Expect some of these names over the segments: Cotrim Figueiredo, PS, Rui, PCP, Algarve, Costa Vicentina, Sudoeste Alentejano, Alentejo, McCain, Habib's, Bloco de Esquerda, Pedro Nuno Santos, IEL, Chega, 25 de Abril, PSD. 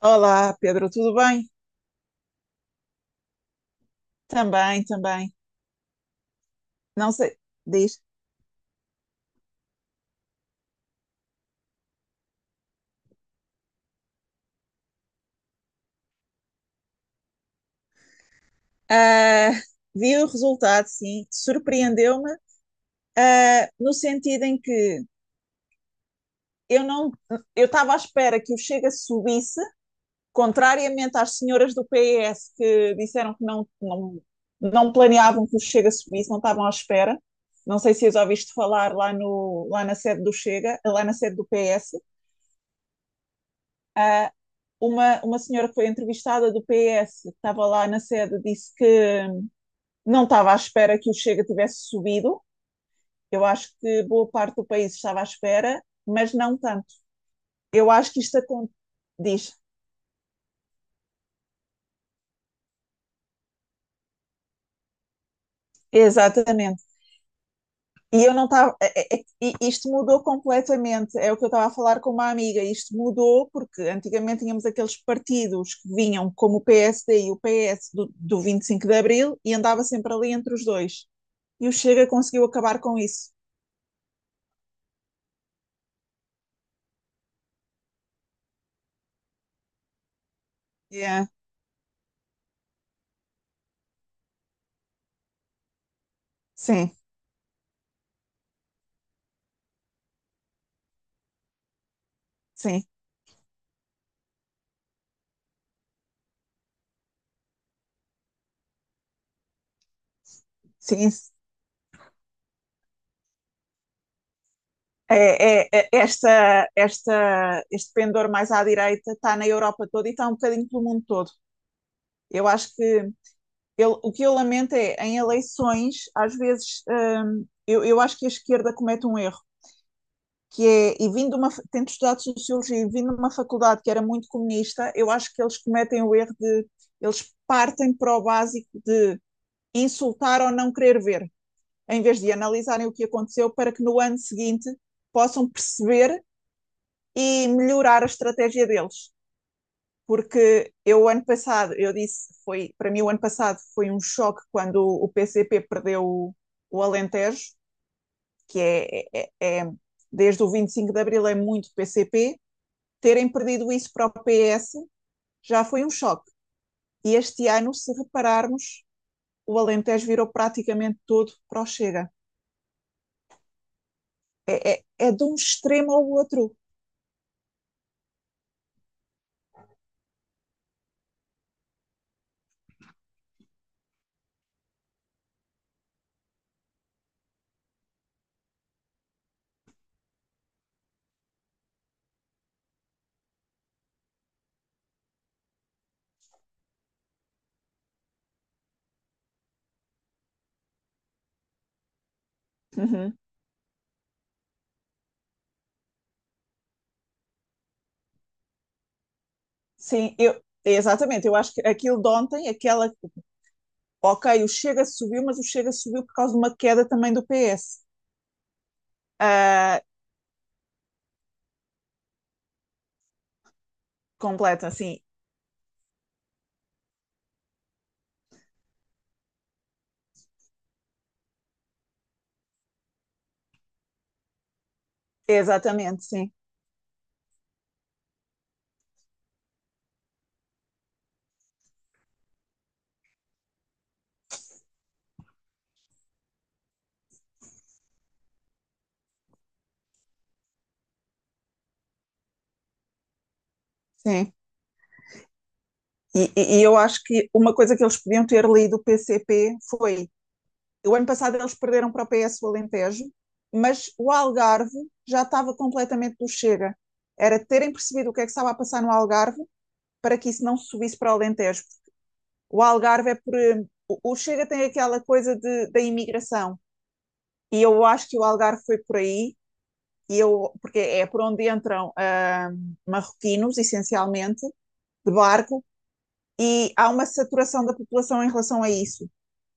Olá, Pedro, tudo bem? Também, também. Não sei, diz. Ah, vi o resultado, sim, surpreendeu-me, no sentido em que eu não, eu estava à espera que o Chega subisse, contrariamente às senhoras do PS que disseram que não, não, não planeavam que o Chega subisse, não estavam à espera. Não sei se já ouviste falar lá, no, lá na sede do Chega, lá na sede do PS. Uh, uma senhora que foi entrevistada do PS, que estava lá na sede, disse que não estava à espera que o Chega tivesse subido. Eu acho que boa parte do país estava à espera, mas não tanto. Eu acho que isto acontece. Diz, exatamente. E eu não estava. Isto mudou completamente. É o que eu estava a falar com uma amiga. Isto mudou porque antigamente tínhamos aqueles partidos que vinham como o PSD e o PS do 25 de Abril e andava sempre ali entre os dois. E o Chega conseguiu acabar com isso. Yeah. Sim, sim, sim. Este pendor mais à direita está na Europa toda e está um bocadinho pelo mundo todo. Eu acho que o que eu lamento é, em eleições, às vezes, eu acho que a esquerda comete um erro, que é, e vindo de tendo estudado sociologia e vindo de uma faculdade que era muito comunista, eu acho que eles cometem o erro de, eles partem para o básico de insultar ou não querer ver, em vez de analisarem o que aconteceu para que no ano seguinte possam perceber e melhorar a estratégia deles. Porque eu, ano passado, eu disse, foi, para mim o ano passado foi um choque quando o PCP perdeu o Alentejo, que é, é, é, é, desde o 25 de Abril é muito PCP, terem perdido isso para o PS já foi um choque. E este ano, se repararmos, o Alentejo virou praticamente todo para o Chega. É de um extremo ao outro. Uhum. Sim, exatamente. Eu acho que aquilo de ontem, aquela. Ok, o Chega subiu, mas o Chega subiu por causa de uma queda também do PS. Ah, completa, sim. Exatamente, sim. Sim. E eu acho que uma coisa que eles podiam ter lido o PCP foi o ano passado eles perderam para o PS o Alentejo, mas o Algarve já estava completamente do Chega. Era terem percebido o que é que estava a passar no Algarve para que isso não subisse para o Alentejo. O Algarve é por. O Chega tem aquela coisa da imigração. E eu acho que o Algarve foi por aí, porque é por onde entram marroquinos, essencialmente, de barco. E há uma saturação da população em relação a isso.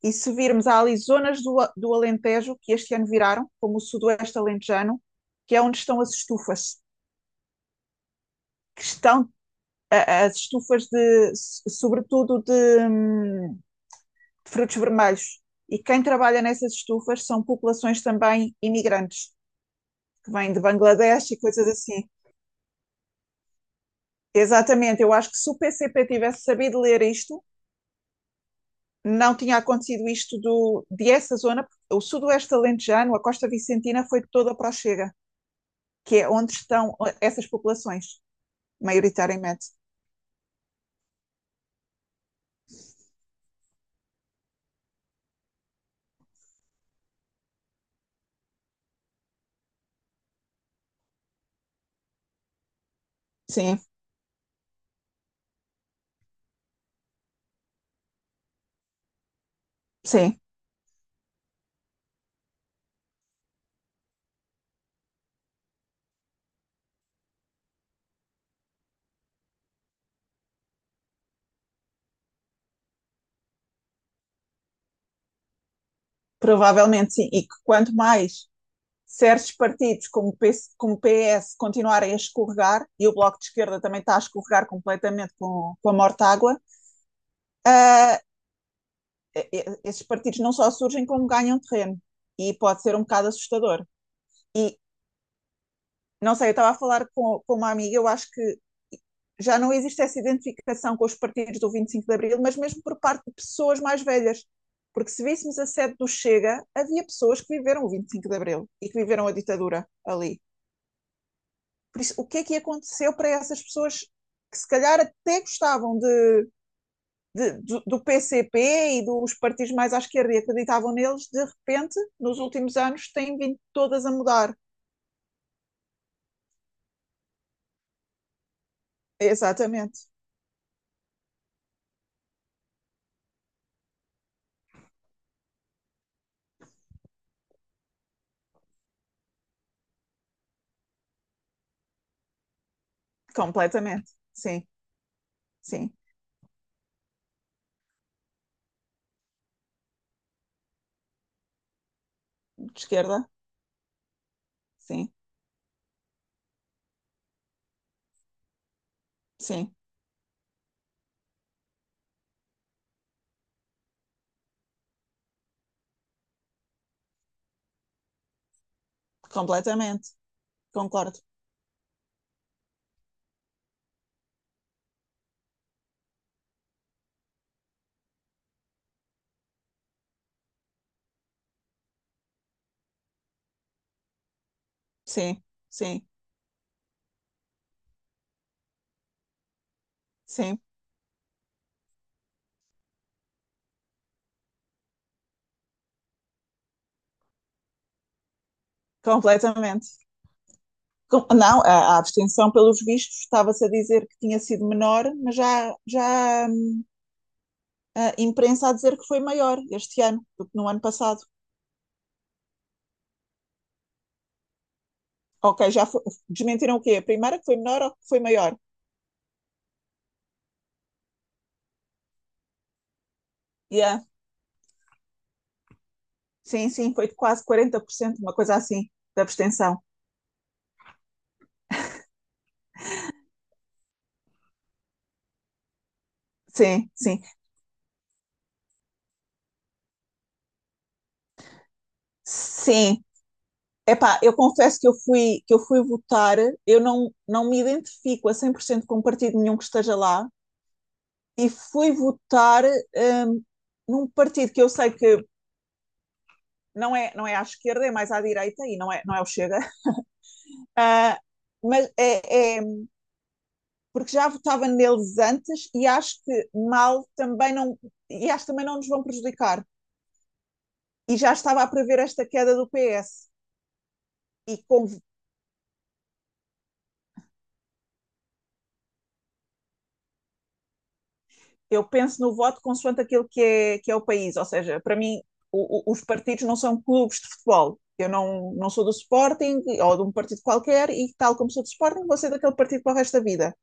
E se virmos, há ali zonas do Alentejo que este ano viraram, como o Sudoeste Alentejano, que é onde estão as estufas, que estão as estufas de, sobretudo de frutos vermelhos. E quem trabalha nessas estufas são populações também imigrantes, que vêm de Bangladesh e coisas assim. Exatamente, eu acho que se o PCP tivesse sabido ler isto, não tinha acontecido isto de essa zona, o Sudoeste Alentejano, a Costa Vicentina foi toda para o Chega, que é onde estão essas populações, maioritariamente. Sim, sim, provavelmente sim. E que quanto mais certos partidos como o PS, como o PS continuarem a escorregar, e o Bloco de Esquerda também está a escorregar completamente com a Mortágua, uh, esses partidos não só surgem como ganham terreno. E pode ser um bocado assustador. E, Não sei, eu estava a falar com uma amiga, eu acho que já não existe essa identificação com os partidos do 25 de Abril, mas mesmo por parte de pessoas mais velhas. Porque se víssemos a sede do Chega, havia pessoas que viveram o 25 de Abril e que viveram a ditadura ali. Por isso, o que é que aconteceu para essas pessoas que se calhar até gostavam do PCP e dos partidos mais à esquerda e acreditavam neles, de repente, nos últimos anos, têm vindo todas a mudar. Exatamente, completamente, sim, sim. De esquerda, sim, sim, completamente, concordo, sim, sim, sim, completamente. Não, a abstenção, pelos vistos, estava-se a dizer que tinha sido menor, mas já a imprensa a dizer que foi maior este ano do que no ano passado. Ok, desmentiram o quê? A primeira que foi menor ou que foi maior? Yeah. Sim, sim, foi de quase 40% uma coisa assim, da abstenção. Sim, sim. Sim, epá, eu confesso que que eu fui votar, eu não, não me identifico a 100% com um partido nenhum que esteja lá, e fui votar num partido que eu sei que não é à esquerda, é mais à direita, e não é o Chega. Ah, mas porque já votava neles antes e acho que mal também não, e acho que também não nos vão prejudicar. E já estava a prever esta queda do PS. E com Eu penso no voto consoante aquilo que é o país. Ou seja, para mim, os partidos não são clubes de futebol. Eu não sou do Sporting ou de um partido qualquer e, tal como sou do Sporting, vou ser daquele partido para o resto da vida.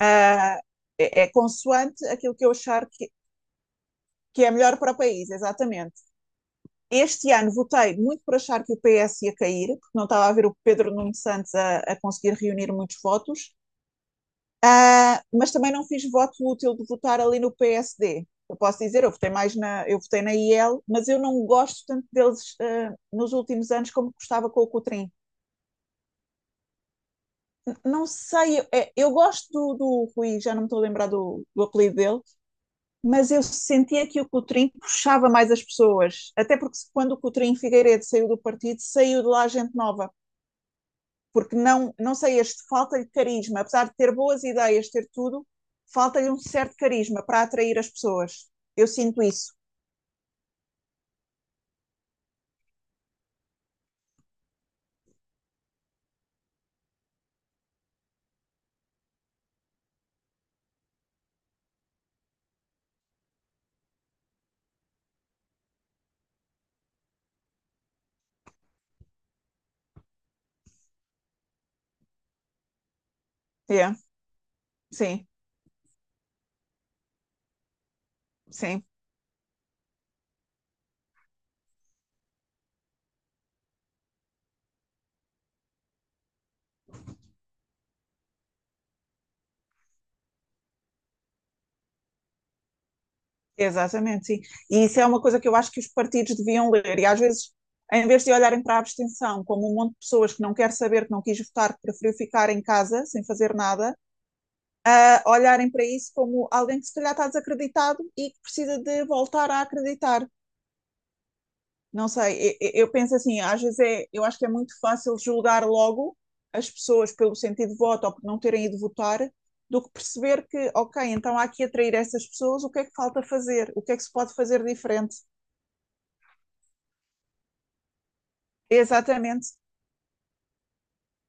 Uh, é consoante aquilo que eu achar que é melhor para o país, exatamente. Este ano votei muito por achar que o PS ia cair, porque não estava a ver o Pedro Nuno Santos a conseguir reunir muitos votos. Ah, mas também não fiz voto útil de votar ali no PSD. Eu posso dizer, eu votei na IEL, mas eu não gosto tanto deles nos últimos anos como gostava com o Cotrim. Não sei, eu gosto do Rui, já não me estou a lembrar do apelido dele, mas eu sentia que o Cotrim puxava mais as pessoas. Até porque quando o Cotrim Figueiredo saiu do partido, saiu de lá gente nova. Porque não sei, este falta de carisma, apesar de ter boas ideias, ter tudo, falta-lhe um certo carisma para atrair as pessoas. Eu sinto isso. É, sim, sim, exatamente, sim. E isso é uma coisa que eu acho que os partidos deviam ler. E às vezes, em vez de olharem para a abstenção como um monte de pessoas que não quer saber, que não quis votar, que preferiu ficar em casa sem fazer nada, a olharem para isso como alguém que se calhar está desacreditado e que precisa de voltar a acreditar. Não sei, eu penso assim, às vezes eu acho que é muito fácil julgar logo as pessoas pelo sentido de voto ou por não terem ido votar, do que perceber que, ok, então há que atrair essas pessoas, o que é que falta fazer? O que é que se pode fazer diferente? Exatamente,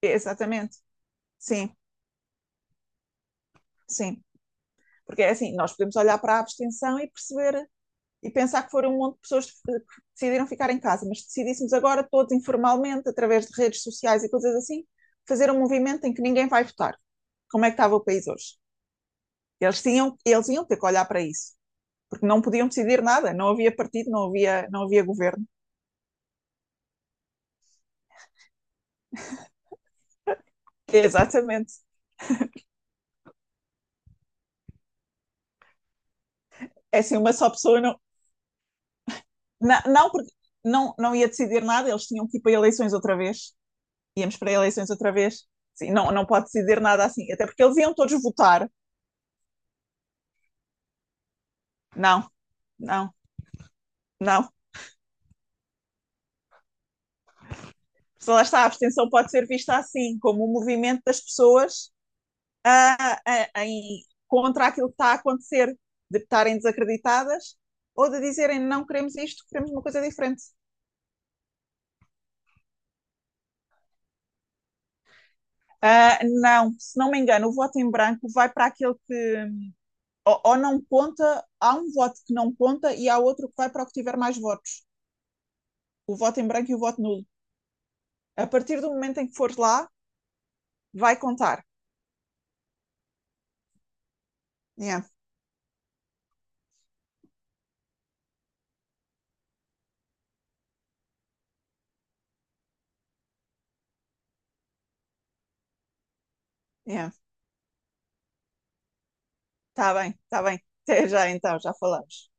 exatamente, sim, sim. Porque é assim, nós podemos olhar para a abstenção e perceber e pensar que foram um monte de pessoas que decidiram ficar em casa, mas se decidíssemos agora todos informalmente, através de redes sociais e coisas assim, fazer um movimento em que ninguém vai votar. Como é que estava o país hoje? Eles iam ter que olhar para isso, porque não podiam decidir nada, não havia partido, não havia governo. Exatamente. É assim, uma só pessoa não, não porque não ia decidir nada, eles tinham que ir para eleições outra vez. Íamos para eleições outra vez. Sim, não pode decidir nada assim, até porque eles iam todos votar. Não, não, não. Se lá está, a abstenção pode ser vista assim, como um movimento das pessoas contra aquilo que está a acontecer, de estarem desacreditadas, ou de dizerem não queremos isto, queremos uma coisa diferente. Ah, não, se não me engano, o voto em branco vai para aquele que ou não conta, há um voto que não conta e há outro que vai para o que tiver mais votos. O voto em branco e o voto nulo. A partir do momento em que fores lá, vai contar. Yeah, yeah. Está bem, está bem. Até já então, já falamos.